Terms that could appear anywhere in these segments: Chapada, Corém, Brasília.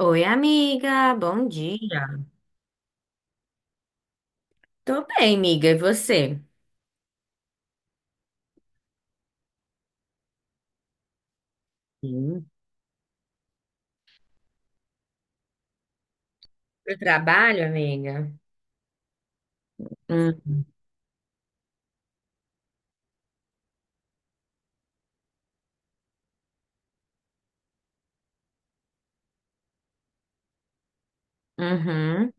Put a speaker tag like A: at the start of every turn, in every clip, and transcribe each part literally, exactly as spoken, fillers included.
A: Oi, amiga, bom dia. Tô bem, amiga, e você? Sim. Eu trabalho, amiga? Hum. Uhum.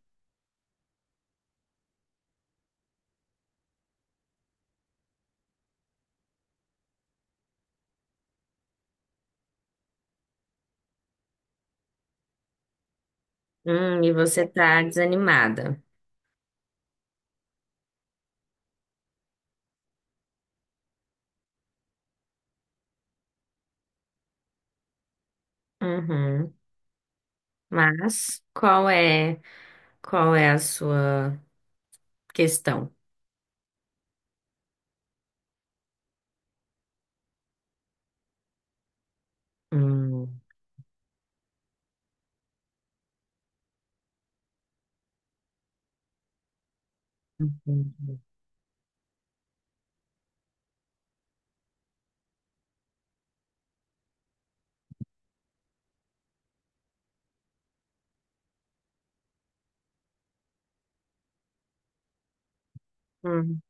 A: Hum, e você tá desanimada? Uhum. Mas qual é, qual é a sua questão? Hum, entendi. Hum.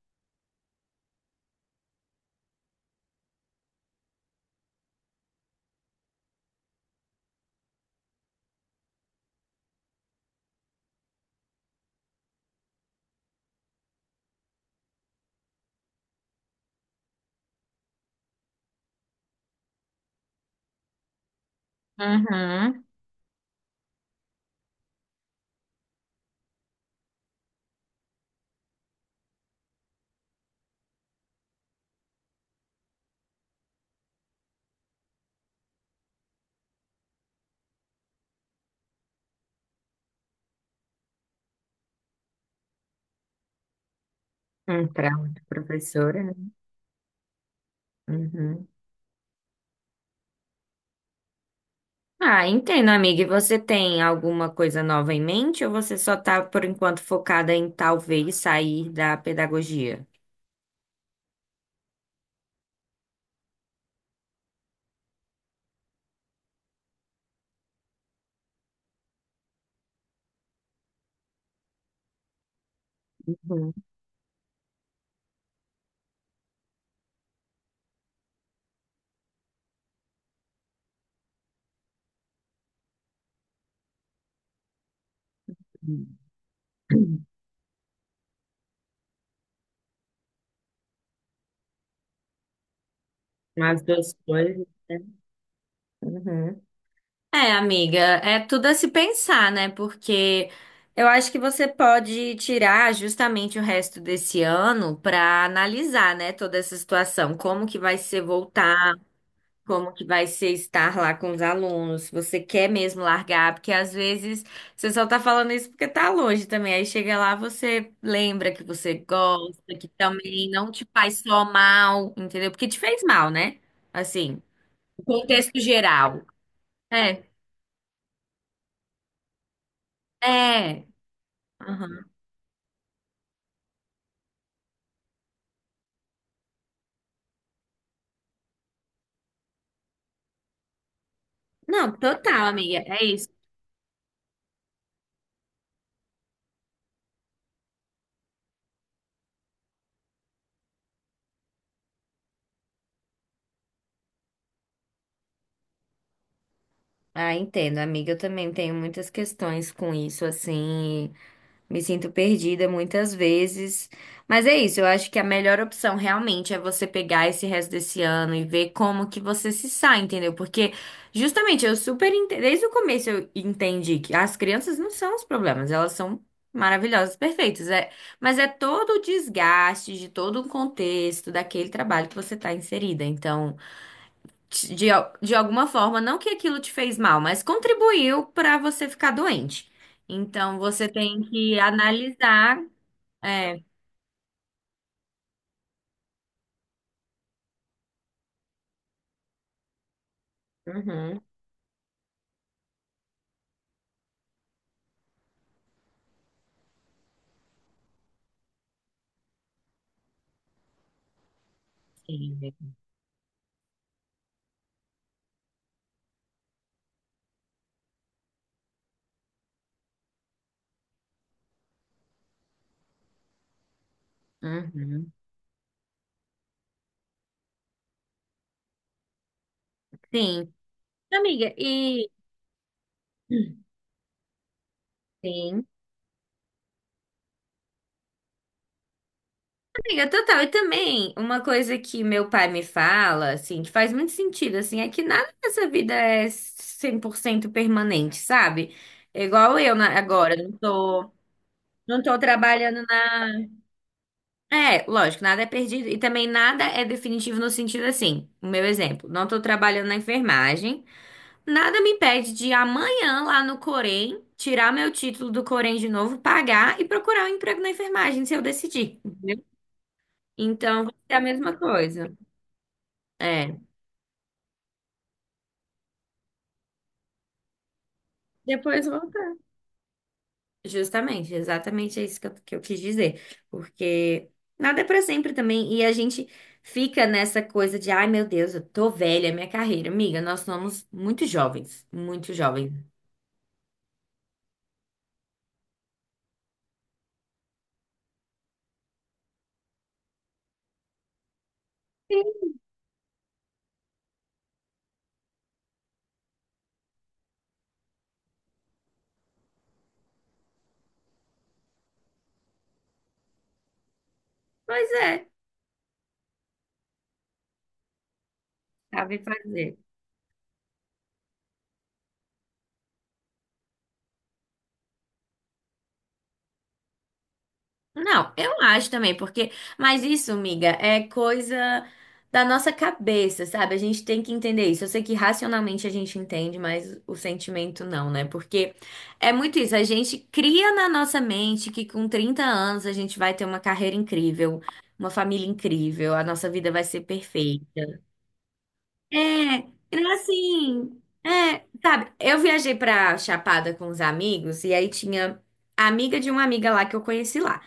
A: Uhum. Hum, para outra professora, né? Uhum. Ah, entendo, amiga. E você tem alguma coisa nova em mente ou você só tá, por enquanto, focada em talvez sair da pedagogia? Uhum. Uhum. As duas coisas, né? Uhum. É, amiga, é tudo a se pensar, né? Porque eu acho que você pode tirar justamente o resto desse ano para analisar, né, toda essa situação, como que vai ser voltar. Como que vai ser estar lá com os alunos, se você quer mesmo largar, porque às vezes você só tá falando isso porque tá longe também. Aí chega lá, você lembra que você gosta, que também não te faz só mal, entendeu? Porque te fez mal, né? Assim, o contexto geral. É, é. Aham. Não, total, amiga, é isso. Ah, entendo, amiga. Eu também tenho muitas questões com isso, assim. Me sinto perdida muitas vezes. Mas é isso, eu acho que a melhor opção realmente é você pegar esse resto desse ano e ver como que você se sai, entendeu? Porque justamente eu super ente- desde o começo eu entendi que as crianças não são os problemas, elas são maravilhosas, perfeitas, é, mas é todo o desgaste de todo o contexto daquele trabalho que você está inserida. Então, te- de, al- de alguma forma, não que aquilo te fez mal, mas contribuiu para você ficar doente. Então, você tem que analisar. É, uhum, sim, uhum, sim. Amiga, e. Sim. Amiga, total. E também, uma coisa que meu pai me fala, assim, que faz muito sentido, assim, é que nada nessa vida é cem por cento permanente, sabe? Igual eu na- agora, não tô, não tô trabalhando na. É, lógico, nada é perdido e também nada é definitivo no sentido assim. O meu exemplo, não estou trabalhando na enfermagem, nada me impede de amanhã lá no Corém tirar meu título do Corém de novo, pagar e procurar um emprego na enfermagem se eu decidir. Entendeu? Então, vai ser a mesma coisa. É. Depois volta. Justamente, exatamente é isso que eu, que eu quis dizer. Porque nada é pra sempre também. E a gente fica nessa coisa de, ai meu Deus, eu tô velha, minha carreira. Amiga, nós somos muito jovens, muito jovens. Pois é, sabe fazer. Não, eu acho também, porque. Mas isso, miga, é coisa da nossa cabeça, sabe? A gente tem que entender isso. Eu sei que racionalmente a gente entende, mas o sentimento não, né? Porque é muito isso. A gente cria na nossa mente que com trinta anos a gente vai ter uma carreira incrível, uma família incrível, a nossa vida vai ser perfeita. É, era assim, é, sabe, eu viajei pra Chapada com os amigos e aí tinha a amiga de uma amiga lá que eu conheci lá.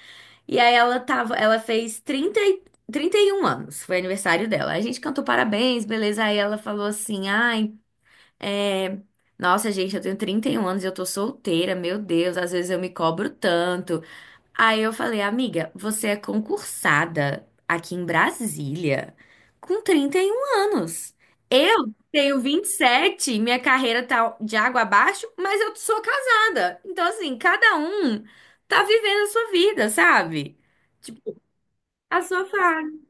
A: E aí ela tava, ela fez trinta e- trinta e um anos, foi aniversário dela. A gente cantou parabéns, beleza? Aí ela falou assim: "Ai, é, nossa, gente, eu tenho trinta e um anos e eu tô solteira, meu Deus, às vezes eu me cobro tanto." Aí eu falei, amiga, você é concursada aqui em Brasília com trinta e um anos. Eu tenho vinte e sete, minha carreira tá de água abaixo, mas eu sou casada. Então, assim, cada um tá vivendo a sua vida, sabe? Tipo, a sua fase.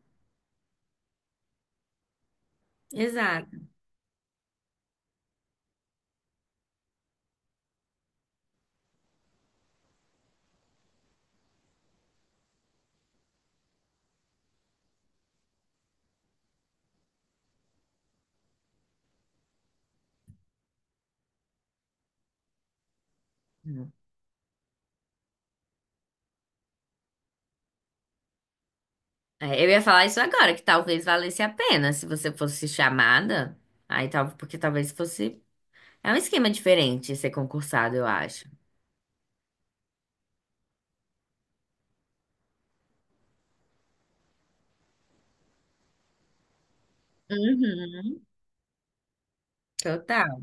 A: Exato. É, eu ia falar isso agora, que talvez valesse a pena se você fosse chamada. Aí, tal, porque talvez fosse. É um esquema diferente ser concursado, eu acho. Uhum, total.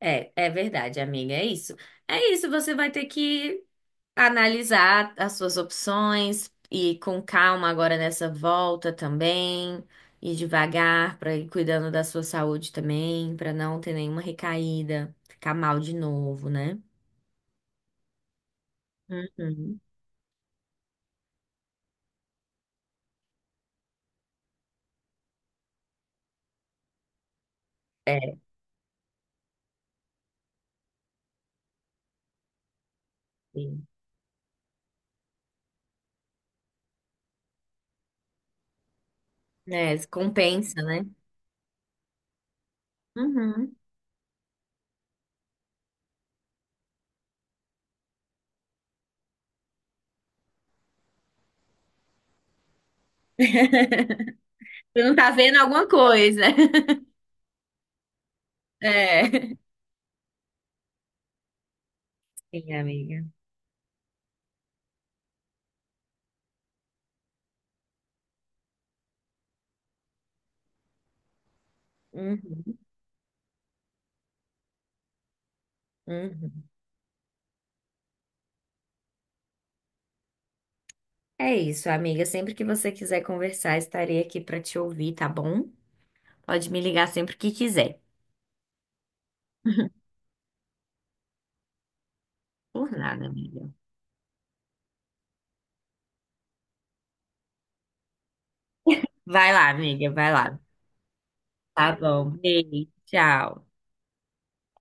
A: É, é verdade, amiga, é isso. É isso, você vai ter que analisar as suas opções e com calma agora nessa volta também, e devagar para ir cuidando da sua saúde também, para não ter nenhuma recaída, ficar mal de novo, né? Uhum. É, sim. É, compensa, né? Uhum. Você não tá vendo alguma coisa. É. Sim, amiga. Uhum. Uhum. É isso, amiga. Sempre que você quiser conversar, estarei aqui para te ouvir, tá bom? Pode me ligar sempre que quiser. Por nada, amiga. Vai lá, amiga, vai lá. Tá bom. Beijo, tchau.